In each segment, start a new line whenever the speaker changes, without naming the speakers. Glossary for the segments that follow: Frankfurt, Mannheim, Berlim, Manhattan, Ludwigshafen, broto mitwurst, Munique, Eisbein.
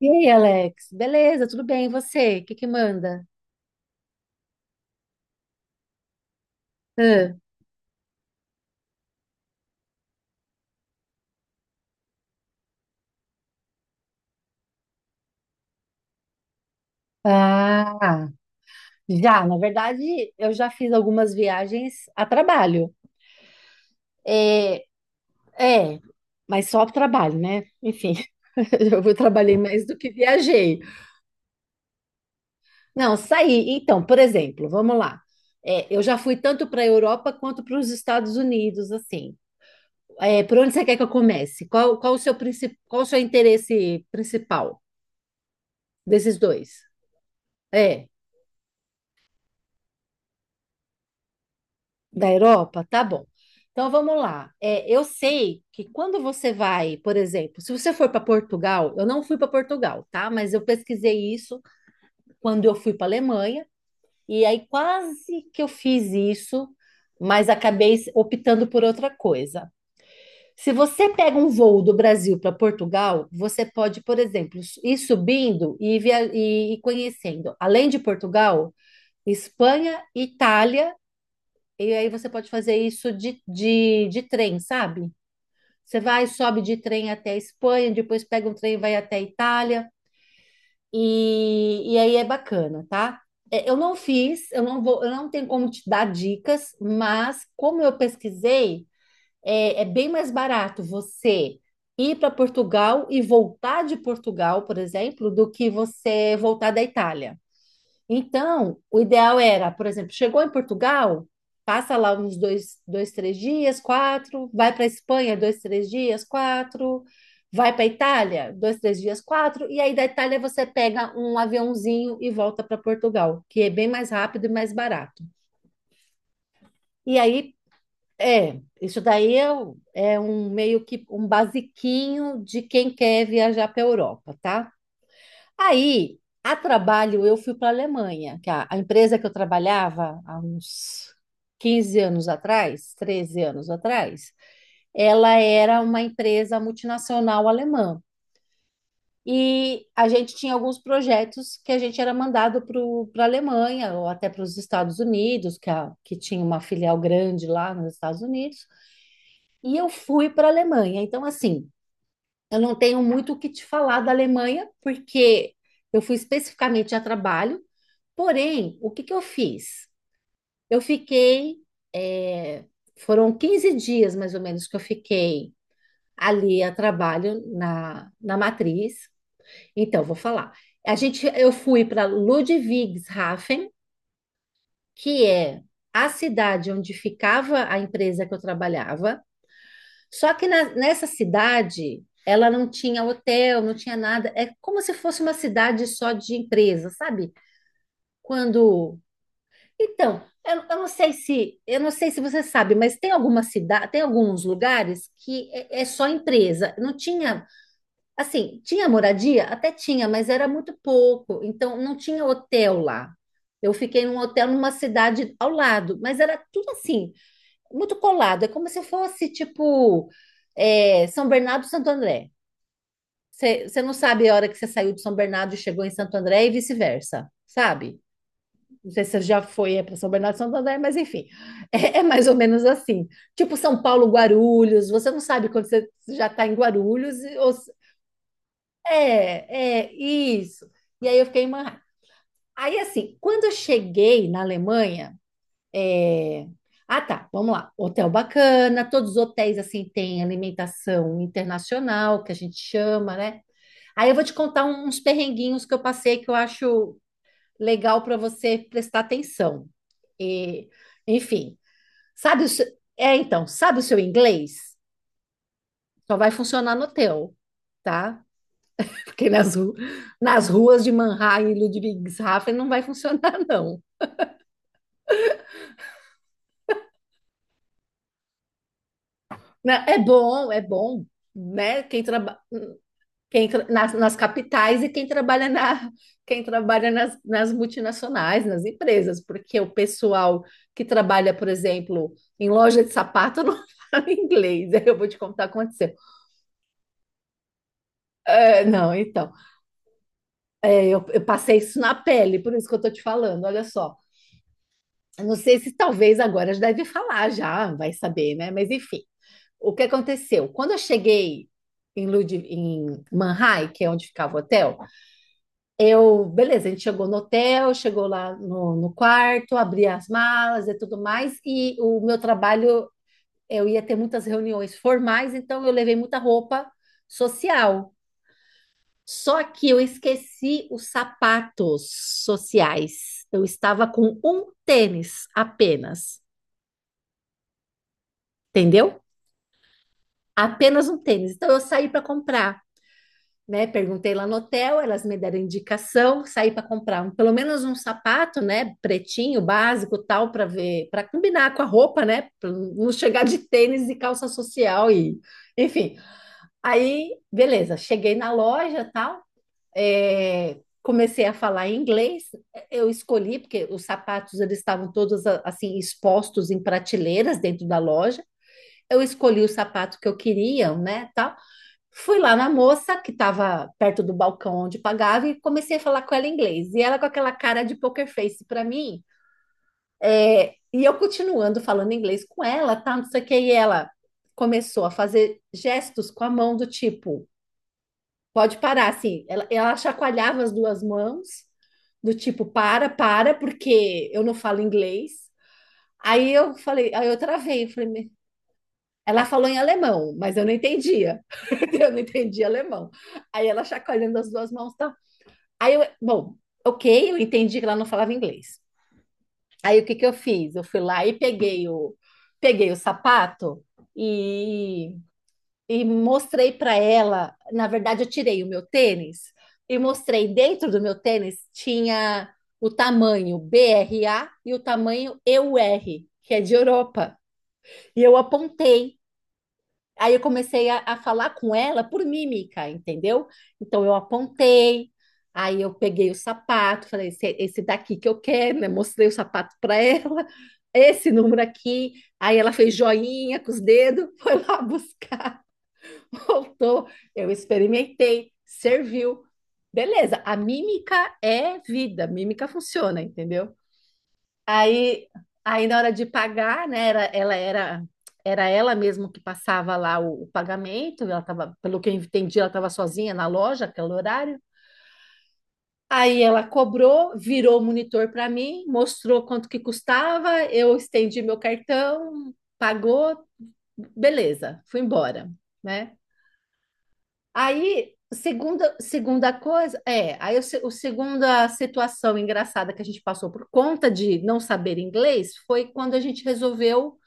E aí, Alex? Beleza, tudo bem? E você? O que que manda? Hã? Ah, já, na verdade, eu já fiz algumas viagens a trabalho. É, é, mas só para trabalho, né? Enfim, eu trabalhei mais do que viajei. Não, saí. Então, por exemplo, vamos lá. É, eu já fui tanto para a Europa quanto para os Estados Unidos, assim. É, por onde você quer que eu comece? Qual o seu principal, qual o seu interesse principal desses dois? É. Da Europa? Tá bom. Então vamos lá. É, eu sei que quando você vai, por exemplo, se você for para Portugal, eu não fui para Portugal, tá? Mas eu pesquisei isso quando eu fui para Alemanha, e aí quase que eu fiz isso, mas acabei optando por outra coisa. Se você pega um voo do Brasil para Portugal, você pode, por exemplo, ir subindo e, via e conhecendo, além de Portugal, Espanha, Itália. E aí você pode fazer isso de trem, sabe? Você vai, sobe de trem até a Espanha, depois pega um trem e vai até a Itália. E aí é bacana, tá? É, eu não fiz, eu não vou, eu não tenho como te dar dicas, mas como eu pesquisei, é bem mais barato você ir para Portugal e voltar de Portugal, por exemplo, do que você voltar da Itália. Então, o ideal era, por exemplo, chegou em Portugal, passa lá uns dois, dois três dias, quatro, vai para Espanha, dois, três dias, quatro, vai para Itália, dois, três dias, quatro, e aí da Itália você pega um aviãozinho e volta para Portugal, que é bem mais rápido e mais barato. E aí, é, isso daí é um meio que um basiquinho de quem quer viajar para a Europa, tá? Aí, a trabalho, eu fui para a Alemanha, que a empresa que eu trabalhava há uns 15 anos atrás, 13 anos atrás, ela era uma empresa multinacional alemã. E a gente tinha alguns projetos que a gente era mandado para a Alemanha ou até para os Estados Unidos, que tinha uma filial grande lá nos Estados Unidos. E eu fui para a Alemanha. Então, assim, eu não tenho muito o que te falar da Alemanha, porque eu fui especificamente a trabalho. Porém, o que que eu fiz? Eu fiquei, é, Foram 15 dias mais ou menos que eu fiquei ali a trabalho na matriz. Então, vou falar. Eu fui para Ludwigshafen, que é a cidade onde ficava a empresa que eu trabalhava. Só que nessa cidade, ela não tinha hotel, não tinha nada. É como se fosse uma cidade só de empresa, sabe? Quando Então, eu não sei se você sabe, mas tem alguma cidade, tem alguns lugares que é só empresa. Não tinha, assim, tinha moradia? Até tinha, mas era muito pouco. Então, não tinha hotel lá. Eu fiquei num hotel numa cidade ao lado, mas era tudo assim, muito colado. É como se fosse, tipo, São Bernardo e Santo André. Você não sabe a hora que você saiu de São Bernardo e chegou em Santo André e vice-versa, sabe? Não sei se você já foi para São Bernardo do Santander, mas enfim, é mais ou menos assim. Tipo São Paulo, Guarulhos, você não sabe quando você já está em Guarulhos. Ou, é, isso. E aí eu fiquei em Manhattan. Aí assim, quando eu cheguei na Alemanha, é, ah, tá, vamos lá. Hotel bacana, todos os hotéis assim têm alimentação internacional, que a gente chama, né? Aí eu vou te contar uns perrenguinhos que eu passei que eu acho legal para você prestar atenção. E, enfim, sabe o seu, sabe o seu inglês? Só vai funcionar no teu, tá? Porque nas ruas de Mannheim e Ludwigshafen não vai funcionar, não. Né, é bom, é bom, né? Nas capitais e quem trabalha nas multinacionais, nas empresas, porque o pessoal que trabalha, por exemplo, em loja de sapato não fala inglês. Aí eu vou te contar o que aconteceu. Não, então, eu passei isso na pele, por isso que eu tô te falando, olha só. Eu não sei se talvez agora já deve falar já, vai saber, né? Mas enfim, o que aconteceu? Quando eu cheguei em, Lud em Manhai, que é onde ficava o hotel. Beleza, a gente chegou no hotel, chegou lá no quarto, abri as malas e tudo mais, e o meu trabalho, eu ia ter muitas reuniões formais, então eu levei muita roupa social. Só que eu esqueci os sapatos sociais. Eu estava com um tênis apenas, entendeu? Apenas um tênis. Então eu saí para comprar, né? Perguntei lá no hotel, elas me deram indicação, saí para comprar pelo menos um sapato, né? Pretinho, básico, tal, para ver, para combinar com a roupa, né? Para não chegar de tênis e calça social e, enfim. Aí, beleza, cheguei na loja, tal, comecei a falar em inglês. Eu escolhi porque os sapatos eles estavam todos assim expostos em prateleiras dentro da loja. Eu escolhi o sapato que eu queria, né? Tal. Fui lá na moça, que estava perto do balcão onde pagava, e comecei a falar com ela em inglês. E ela com aquela cara de poker face para mim. E eu continuando falando inglês com ela, tá? Não sei o que. E ela começou a fazer gestos com a mão do tipo, pode parar, assim. Ela chacoalhava as duas mãos, do tipo, para, para, porque eu não falo inglês. Aí eu falei, aí eu travei, ela falou em alemão, mas eu não entendia. Eu não entendia alemão. Aí ela chacoalhando as duas mãos, tá? Aí bom, ok, eu entendi que ela não falava inglês. Aí o que que eu fiz? Eu fui lá e peguei o sapato e, e mostrei para ela. Na verdade, eu tirei o meu tênis e mostrei dentro do meu tênis tinha o tamanho BRA e o tamanho EUR, que é de Europa. E eu apontei. Aí eu comecei a falar com ela por mímica, entendeu? Então eu apontei, aí eu peguei o sapato, falei, esse daqui que eu quero, né? Mostrei o sapato para ela, esse número aqui. Aí ela fez joinha com os dedos, foi lá buscar, voltou. Eu experimentei, serviu. Beleza, a mímica é vida, mímica funciona, entendeu? Aí, aí, na hora de pagar, né, era ela mesma que passava lá o pagamento, ela tava, pelo que eu entendi, ela estava sozinha na loja, aquele horário. Aí ela cobrou, virou o monitor para mim, mostrou quanto que custava, eu estendi meu cartão, pagou, beleza, fui embora, né? Aí, segunda coisa, é, aí o, se- o segunda situação engraçada que a gente passou por conta de não saber inglês foi quando a gente resolveu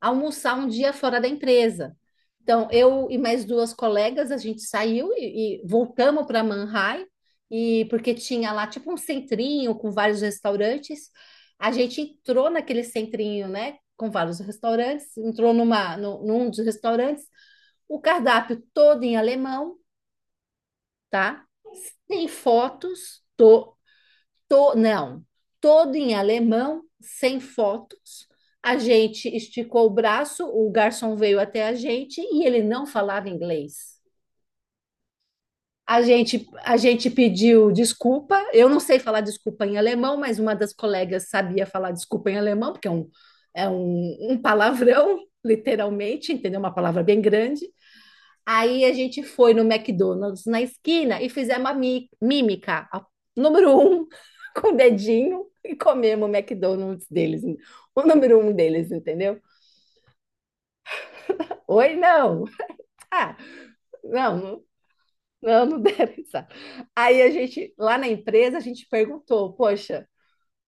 almoçar um dia fora da empresa. Então, eu e mais duas colegas, a gente saiu e voltamos para Manhai, e porque tinha lá tipo um centrinho com vários restaurantes. A gente entrou naquele centrinho, né, com vários restaurantes, entrou numa, no, num dos restaurantes, o cardápio todo em alemão, tá? Sem fotos, não, todo em alemão, sem fotos. A gente esticou o braço, o garçom veio até a gente e ele não falava inglês. A gente pediu desculpa. Eu não sei falar desculpa em alemão, mas uma das colegas sabia falar desculpa em alemão, porque é um palavrão, literalmente, entendeu? Uma palavra bem grande. Aí a gente foi no McDonald's na esquina e fizemos a mímica, número um, com o dedinho, e comemos o McDonald's deles, o número um deles, entendeu? Oi, não. Ah, não, não, não, não deve estar. Aí a gente, lá na empresa, a gente perguntou, poxa,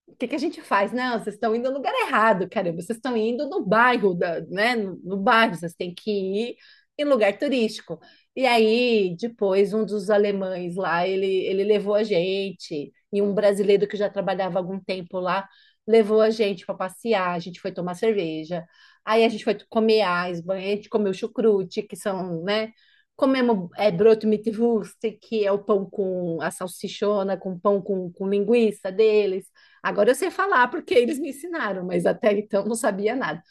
o que que a gente faz? Não, vocês estão indo no lugar errado, caramba, vocês estão indo no bairro, da, né? No bairro, vocês têm que ir em lugar turístico. E aí, depois, um dos alemães lá, ele levou a gente, e um brasileiro que já trabalhava há algum tempo lá, levou a gente para passear, a gente foi tomar cerveja, aí a gente foi comer Eisbein, a gente comeu chucrute, que são, né? Comemos broto mitwurst, que é o pão com a salsichona, com pão com linguiça deles. Agora eu sei falar porque eles me ensinaram, mas até então não sabia nada.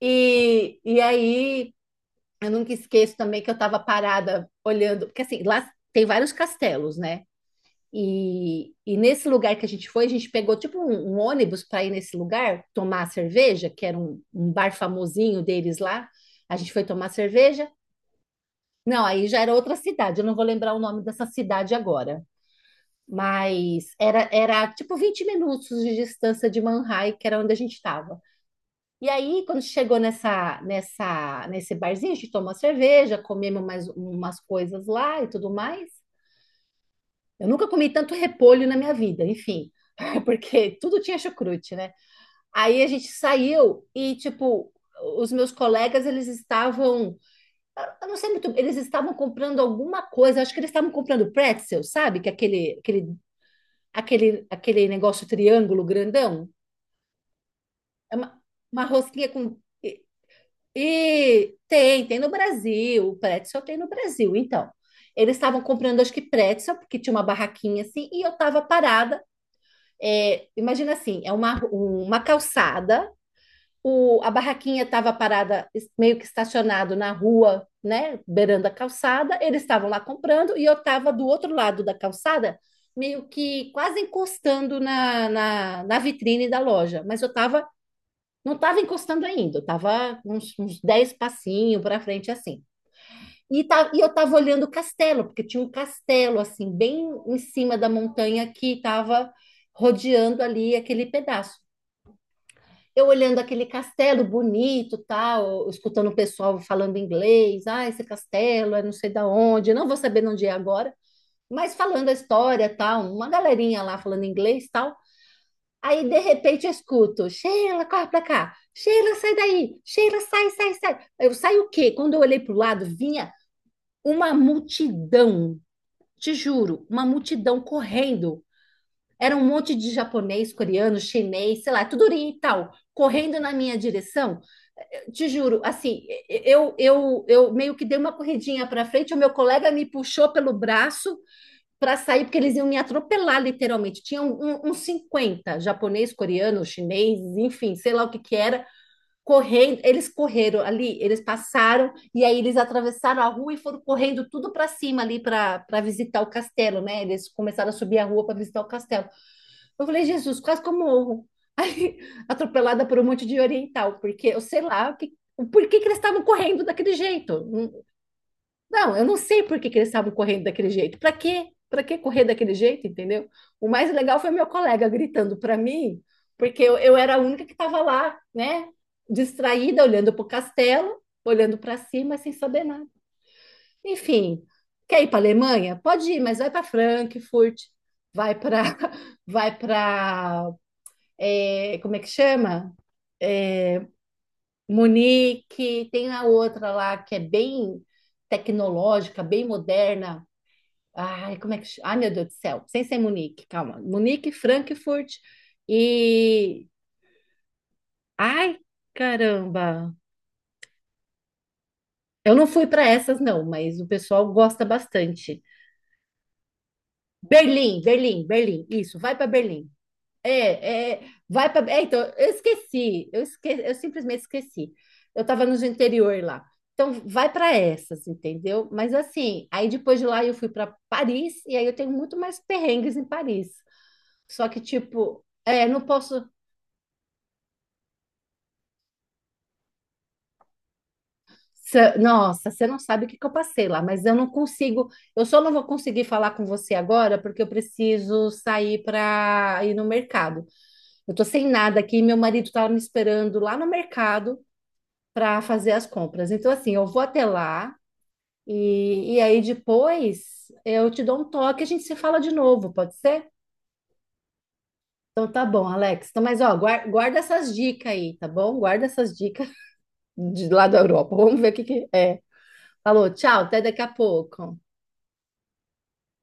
E aí eu nunca esqueço também que eu estava parada olhando, porque assim, lá tem vários castelos, né? E nesse lugar que a gente foi, a gente pegou tipo um ônibus para ir nesse lugar tomar cerveja, que era um bar famosinho deles lá. A gente foi tomar cerveja. Não, aí já era outra cidade, eu não vou lembrar o nome dessa cidade agora. Mas era tipo 20 minutos de distância de Manhai, que era onde a gente estava. E aí, quando chegou nesse barzinho, a gente tomou uma cerveja, comemos mais umas coisas lá e tudo mais. Eu nunca comi tanto repolho na minha vida, enfim, porque tudo tinha chucrute, né? Aí a gente saiu e, tipo, os meus colegas, eles estavam, eu não sei muito, eles estavam comprando alguma coisa, acho que eles estavam comprando pretzel, sabe? Que é aquele negócio triângulo grandão, é uma rosquinha com. E tem, tem no Brasil, o pretzel tem no Brasil. Então, eles estavam comprando, acho que pretzel, porque tinha uma barraquinha assim, e eu estava parada. É, imagina assim, é uma calçada, a barraquinha estava parada, meio que estacionado na rua, né, beirando a calçada, eles estavam lá comprando, e eu estava do outro lado da calçada, meio que quase encostando na vitrine da loja, mas eu estava não estava encostando ainda, estava uns 10 passinhos para frente assim. E, tá, e eu estava olhando o castelo, porque tinha um castelo assim, bem em cima da montanha que estava rodeando ali aquele pedaço. Eu olhando aquele castelo bonito, tal, escutando o pessoal falando inglês, ah, esse castelo é não sei da onde, não vou saber de onde é agora, mas falando a história, tal, uma galerinha lá falando inglês, tal. Aí, de repente, eu escuto, Sheila, corre pra cá. Sheila, sai daí. Sheila, sai, sai, sai. Eu saio o quê? Quando eu olhei pro lado, vinha uma multidão, te juro, uma multidão correndo. Era um monte de japonês, coreano, chinês, sei lá, tudo oriental, correndo na minha direção. Eu te juro, assim, eu meio que dei uma corridinha para frente, o meu colega me puxou pelo braço para sair, porque eles iam me atropelar, literalmente. Tinha uns uns 50 japonês, coreano, chinês, enfim, sei lá o que que era, correndo. Eles correram ali, eles passaram, e aí eles atravessaram a rua e foram correndo tudo para cima ali para visitar o castelo, né? Eles começaram a subir a rua para visitar o castelo. Eu falei, Jesus, quase que eu morro. Aí, atropelada por um monte de oriental, porque eu sei lá o que, porquê que eles estavam correndo daquele jeito. Não, eu não sei por que que eles estavam correndo daquele jeito. Para quê? Para que correr daquele jeito, entendeu? O mais legal foi meu colega gritando para mim, porque eu era a única que estava lá, né? Distraída, olhando para o castelo, olhando para cima, sem saber nada. Enfim, quer ir para a Alemanha? Pode ir, mas vai para Frankfurt, vai para, vai para, como é que chama? Munique, tem a outra lá que é bem tecnológica, bem moderna. Ai, como é que. Ai, meu Deus do céu. Sem ser Munique, calma. Munique, Frankfurt e. Ai, caramba. Eu não fui para essas, não, mas o pessoal gosta bastante. Berlim. Isso, vai para Berlim. Vai para. É, então, eu esqueci. Eu esqueci, eu simplesmente esqueci. Eu estava no interior lá. Então, vai para essas, entendeu? Mas assim, aí depois de lá eu fui para Paris e aí eu tenho muito mais perrengues em Paris. Só que, tipo, é, não posso. Nossa, você não sabe o que que eu passei lá, mas eu não consigo. Eu só não vou conseguir falar com você agora porque eu preciso sair para ir no mercado. Eu tô sem nada aqui, meu marido tá me esperando lá no mercado para fazer as compras. Então, assim, eu vou até lá e aí depois eu te dou um toque, e a gente se fala de novo, pode ser? Então tá bom, Alex. Então, mas ó, guarda essas dicas aí, tá bom? Guarda essas dicas de lá da Europa. Vamos ver o que que é. Falou, tchau, até daqui a pouco.